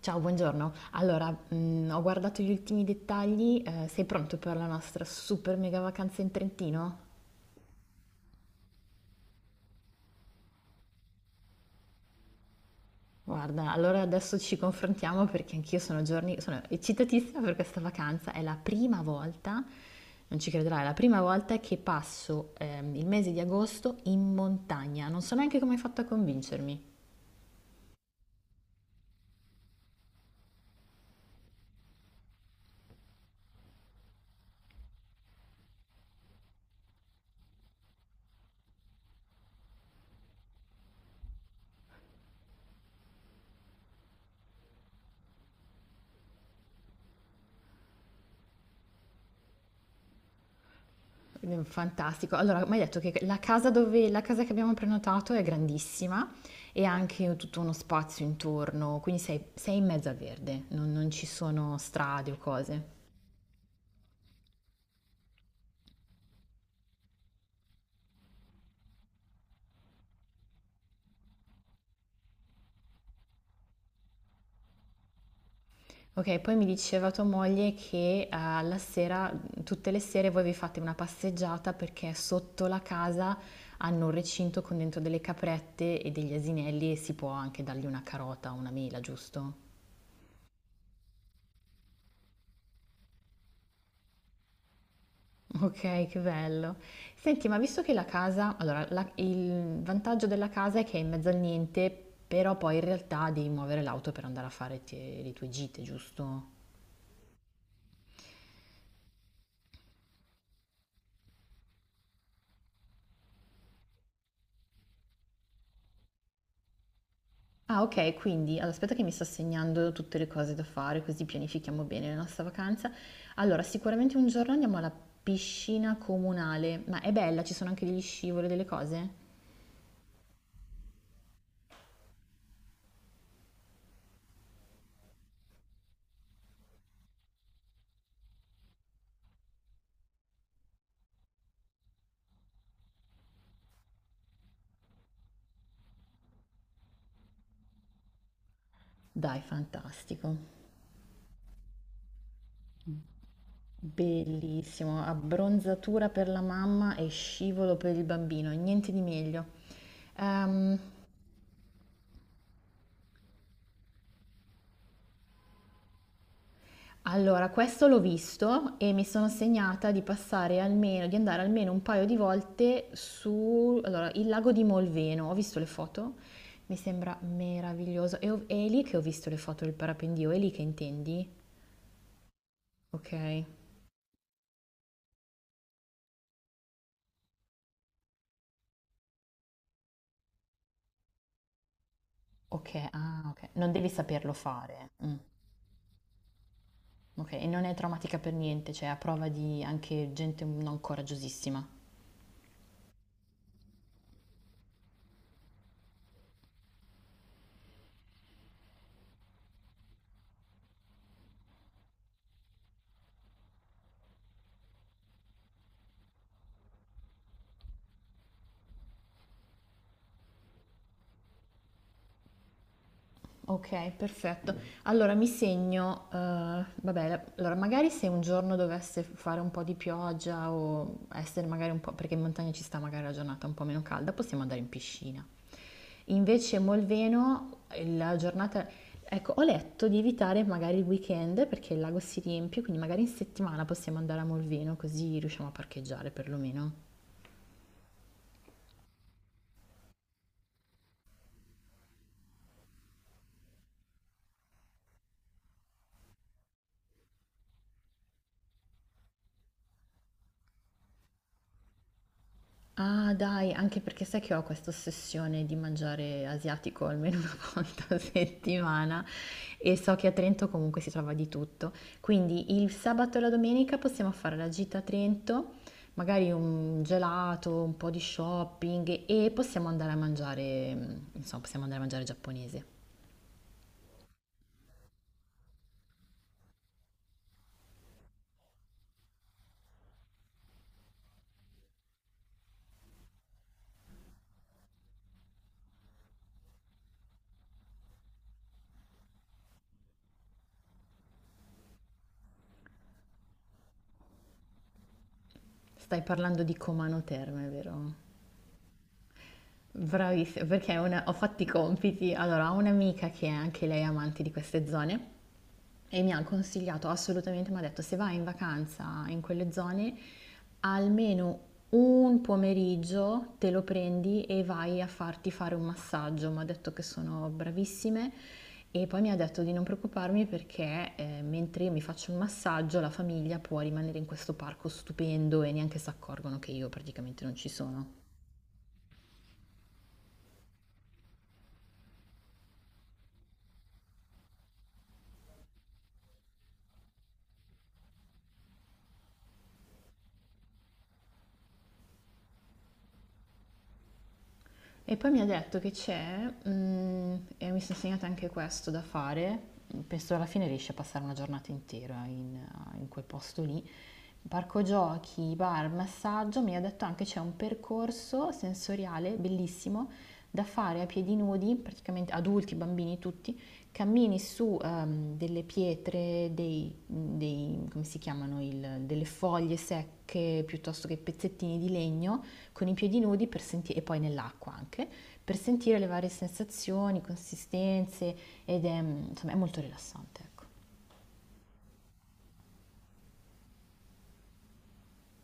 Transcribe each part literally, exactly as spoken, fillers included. Ciao, buongiorno. Allora, mhmm, ho guardato gli ultimi dettagli, ehm, sei pronto per la nostra super mega vacanza in Trentino? Guarda, allora adesso ci confrontiamo perché anch'io sono giorni sono eccitatissima per questa vacanza. È la prima volta, non ci crederai, è la prima volta che passo, ehm, il mese di agosto in montagna. Non so neanche come hai fatto a convincermi. Quindi, fantastico. Allora, mi hai detto che la casa, dove, la casa che abbiamo prenotato è grandissima e ha anche tutto uno spazio intorno, quindi sei, sei in mezzo al verde, non, non ci sono strade o cose. Ok, poi mi diceva tua moglie che eh, alla sera, tutte le sere voi vi fate una passeggiata perché sotto la casa hanno un recinto con dentro delle caprette e degli asinelli e si può anche dargli una carota o una mela, giusto? Okay, che bello. Senti, ma visto che la casa allora la il vantaggio della casa è che è in mezzo al niente, però poi in realtà devi muovere l'auto per andare a fare te le tue gite, giusto? Ah, okay, quindi allora aspetta che mi sto segnando tutte le cose da fare, così pianifichiamo bene la nostra vacanza. Allora, sicuramente un giorno andiamo alla piscina comunale, ma è bella? Ci sono anche degli scivoli, delle cose? Dai, fantastico. Bellissimo, abbronzatura per la mamma e scivolo per il bambino, niente di meglio. Ehm, allora, questo l'ho visto e mi sono segnata di passare almeno, di andare almeno un paio di volte su, allora, il lago di Molveno. Ho visto le foto, mi sembra meraviglioso. E ho- è lì che ho visto le foto del parapendio, è lì che intendi? Ok, ok, ah, ok. Non devi saperlo fare. Mm. Ok, e non è traumatica per niente, cioè a prova di anche gente non coraggiosissima. Ok, perfetto. Allora mi segno, eh, vabbè, la- allora magari se un giorno dovesse fare un po' di pioggia o essere magari un po', perché in montagna ci sta magari la giornata un po' meno calda, possiamo andare in piscina. Invece Molveno, eh, la giornata, ecco, ho letto di evitare magari il weekend perché il lago si riempie, quindi magari in settimana possiamo andare a Molveno così riusciamo a parcheggiare perlomeno. Ah dai, anche perché sai che ho questa ossessione di mangiare asiatico almeno una volta a settimana e so che a Trento comunque si trova di tutto. Quindi il sabato e la domenica possiamo fare la gita a Trento, magari un gelato, un po' di shopping e possiamo andare a mangiare, mm, insomma, possiamo andare a mangiare giapponese. Stai parlando di Comano Terme, vero? Bravissima, perché una- ho fatto i compiti. Allora, ho un'amica che è anche lei amante di queste zone. E mi ha consigliato assolutamente, mi ha detto se vai in vacanza in quelle zone, almeno un pomeriggio te lo prendi e vai a farti fare un massaggio. Mi ha detto che sono bravissime e poi mi ha detto di non preoccuparmi perché eh, mentre io mi faccio un massaggio la famiglia può rimanere in questo parco stupendo e neanche si accorgono che io praticamente non ci sono. E poi mi ha detto che c'è, mm, e mi sono insegnata anche questo da fare, penso alla fine riesci a passare una giornata intera in, eh, in quel posto lì, parco giochi, bar, massaggio, mi ha detto anche c'è un percorso sensoriale bellissimo da fare a piedi nudi, praticamente adulti, bambini, tutti. Cammini su ehm, delle pietre, dei, dei- come si chiamano, il- delle foglie secche piuttosto che pezzettini di legno con i piedi nudi per senti- e poi nell'acqua anche, per sentire le varie sensazioni, consistenze, ed è, mm, insomma, è molto rilassante, ecco.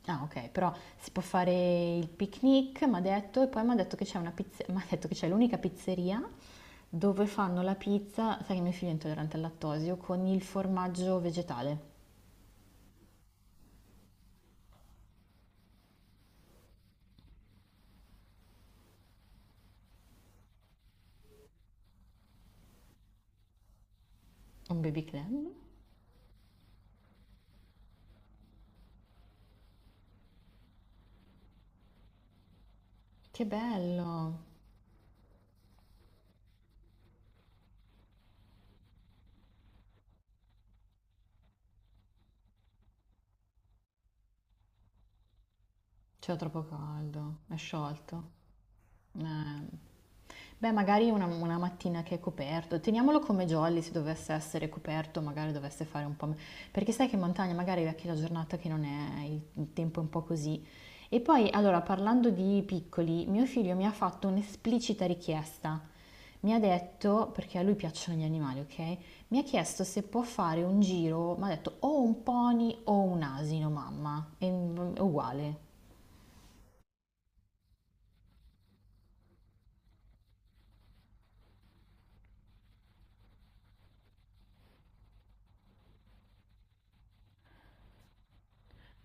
Ah, ok, però si può fare il picnic, mi ha detto, e poi mi ha detto che c'è una pizze- m'ha detto che c'è l'unica pizzeria dove fanno la pizza, sai che mio figlio è intollerante al lattosio, con il formaggio vegetale. Un baby clam? Che bello! C'era troppo caldo, è sciolto. Eh, Beh, magari una, una mattina che è coperto, teniamolo come jolly se dovesse essere coperto, magari dovesse fare un po'. me- Perché sai che in montagna magari è anche la giornata che non è, il, il tempo è un po' così. E poi, allora, parlando di piccoli, mio figlio mi ha fatto un'esplicita richiesta. Mi ha detto, perché a lui piacciono gli animali, ok? Mi ha chiesto se può fare un giro, mi ha detto o un pony o un asino, mamma. E è uguale.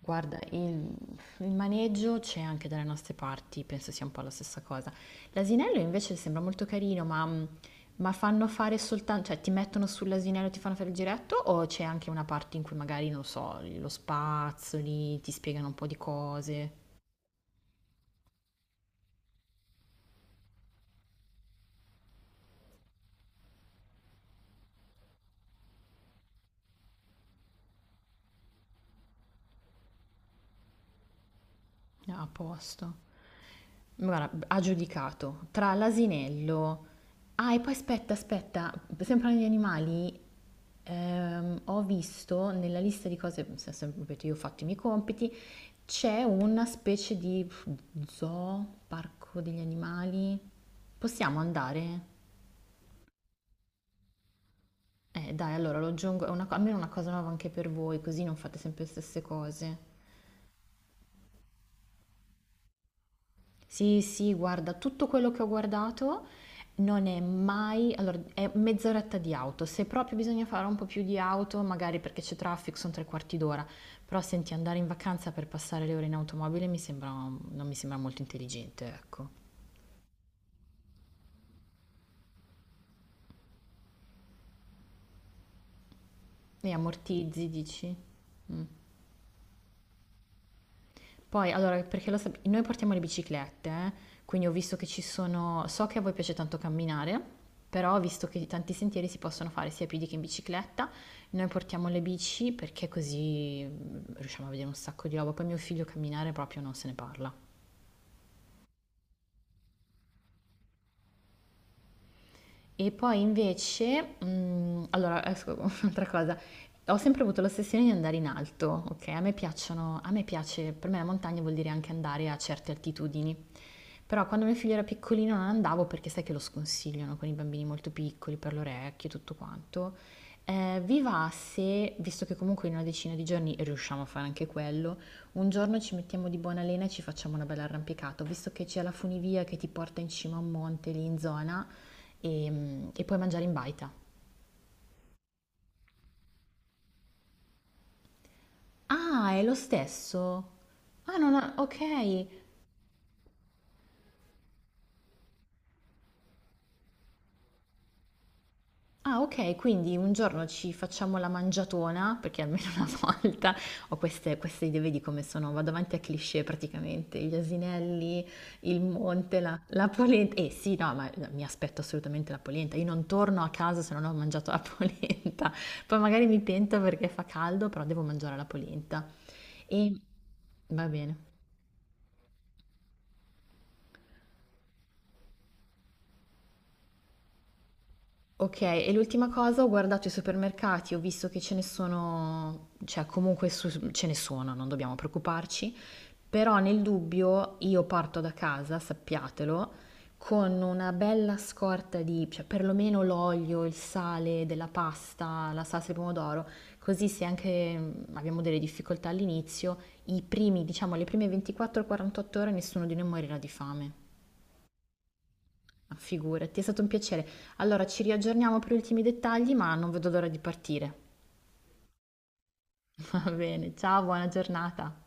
Guarda, il, il maneggio c'è anche dalle nostre parti, penso sia un po' la stessa cosa. L'asinello invece sembra molto carino, ma, mm, ma fanno fare soltanto, cioè ti mettono sull'asinello e ti fanno fare il giretto o c'è anche una parte in cui magari, non lo so, lo spazzoli, ti spiegano un po' di cose? Ah, a posto. Guarda, ha giudicato tra l'asinello. Ah, e poi aspetta, aspetta, sempre negli animali, ehm, ho visto nella lista di cose, se- sempre, ripeto, io ho fatto i miei compiti, c'è una specie di pff, zoo, parco degli animali. Possiamo andare? Eh, dai, allora lo aggiungo, è una co- almeno una cosa nuova anche per voi, così non fate sempre le stesse cose. Sì, sì, guarda, tutto quello che ho guardato non è mai, allora è mezz'oretta di auto, se proprio bisogna fare un po' più di auto, magari perché c'è traffico, sono tre quarti d'ora, però senti, andare in vacanza per passare le ore in automobile mi sembra, non mi sembra molto intelligente, ecco. E ammortizzi, dici? Poi, allora, perché lo sap- noi portiamo le biciclette, eh, quindi ho visto che ci sono, so che a voi piace tanto camminare, però ho visto che tanti sentieri si possono fare sia a piedi che in bicicletta, noi portiamo le bici perché così mm, riusciamo a vedere un sacco di roba, poi mio figlio camminare proprio non se ne parla. E poi invece, mhmm, allora esco con un'altra cosa, ho sempre avuto l'ossessione di andare in alto, okay, a me piacciono a me piace, per me la montagna vuol dire anche andare a certe altitudini. Però quando mio figlio era piccolino non andavo perché sai che lo sconsigliano con i bambini molto piccoli, per le orecchie e tutto quanto. Ehm, vi va se, visto che comunque in una decina di giorni riusciamo a fare anche quello, un giorno ci mettiamo di buona lena e ci facciamo una bella arrampicata. Ho visto che c'è la funivia che ti porta in cima a un monte lì in zona e, e puoi mangiare in baita. Ah, è lo stesso? Ah, non ho- ok. Ah, ok, quindi un giorno ci facciamo la mangiatona, perché almeno una volta ho queste, queste idee, vedi come sono, vado avanti a cliché praticamente, gli asinelli, il monte, la, la polenta. Eh sì, no, ma mi aspetto assolutamente la polenta, io non torno a casa se non ho mangiato la polenta, poi magari mi pento perché fa caldo, però devo mangiare la polenta. E va bene. Ok, e l'ultima cosa, ho guardato i supermercati, ho visto che ce ne sono, cioè comunque su- ce ne sono, non dobbiamo preoccuparci. Però nel dubbio io parto da casa, sappiatelo, con una bella scorta di, cioè perlomeno l'olio, il sale della pasta, la salsa di pomodoro, così se anche mm, abbiamo delle difficoltà all'inizio, i primi, diciamo, le prime ventiquattro quarantotto ore nessuno di noi morirà di fame. Ma figurati, è stato un piacere. Allora ci riaggiorniamo per gli ultimi dettagli, ma non vedo l'ora di partire. Va bene, ciao, buona giornata.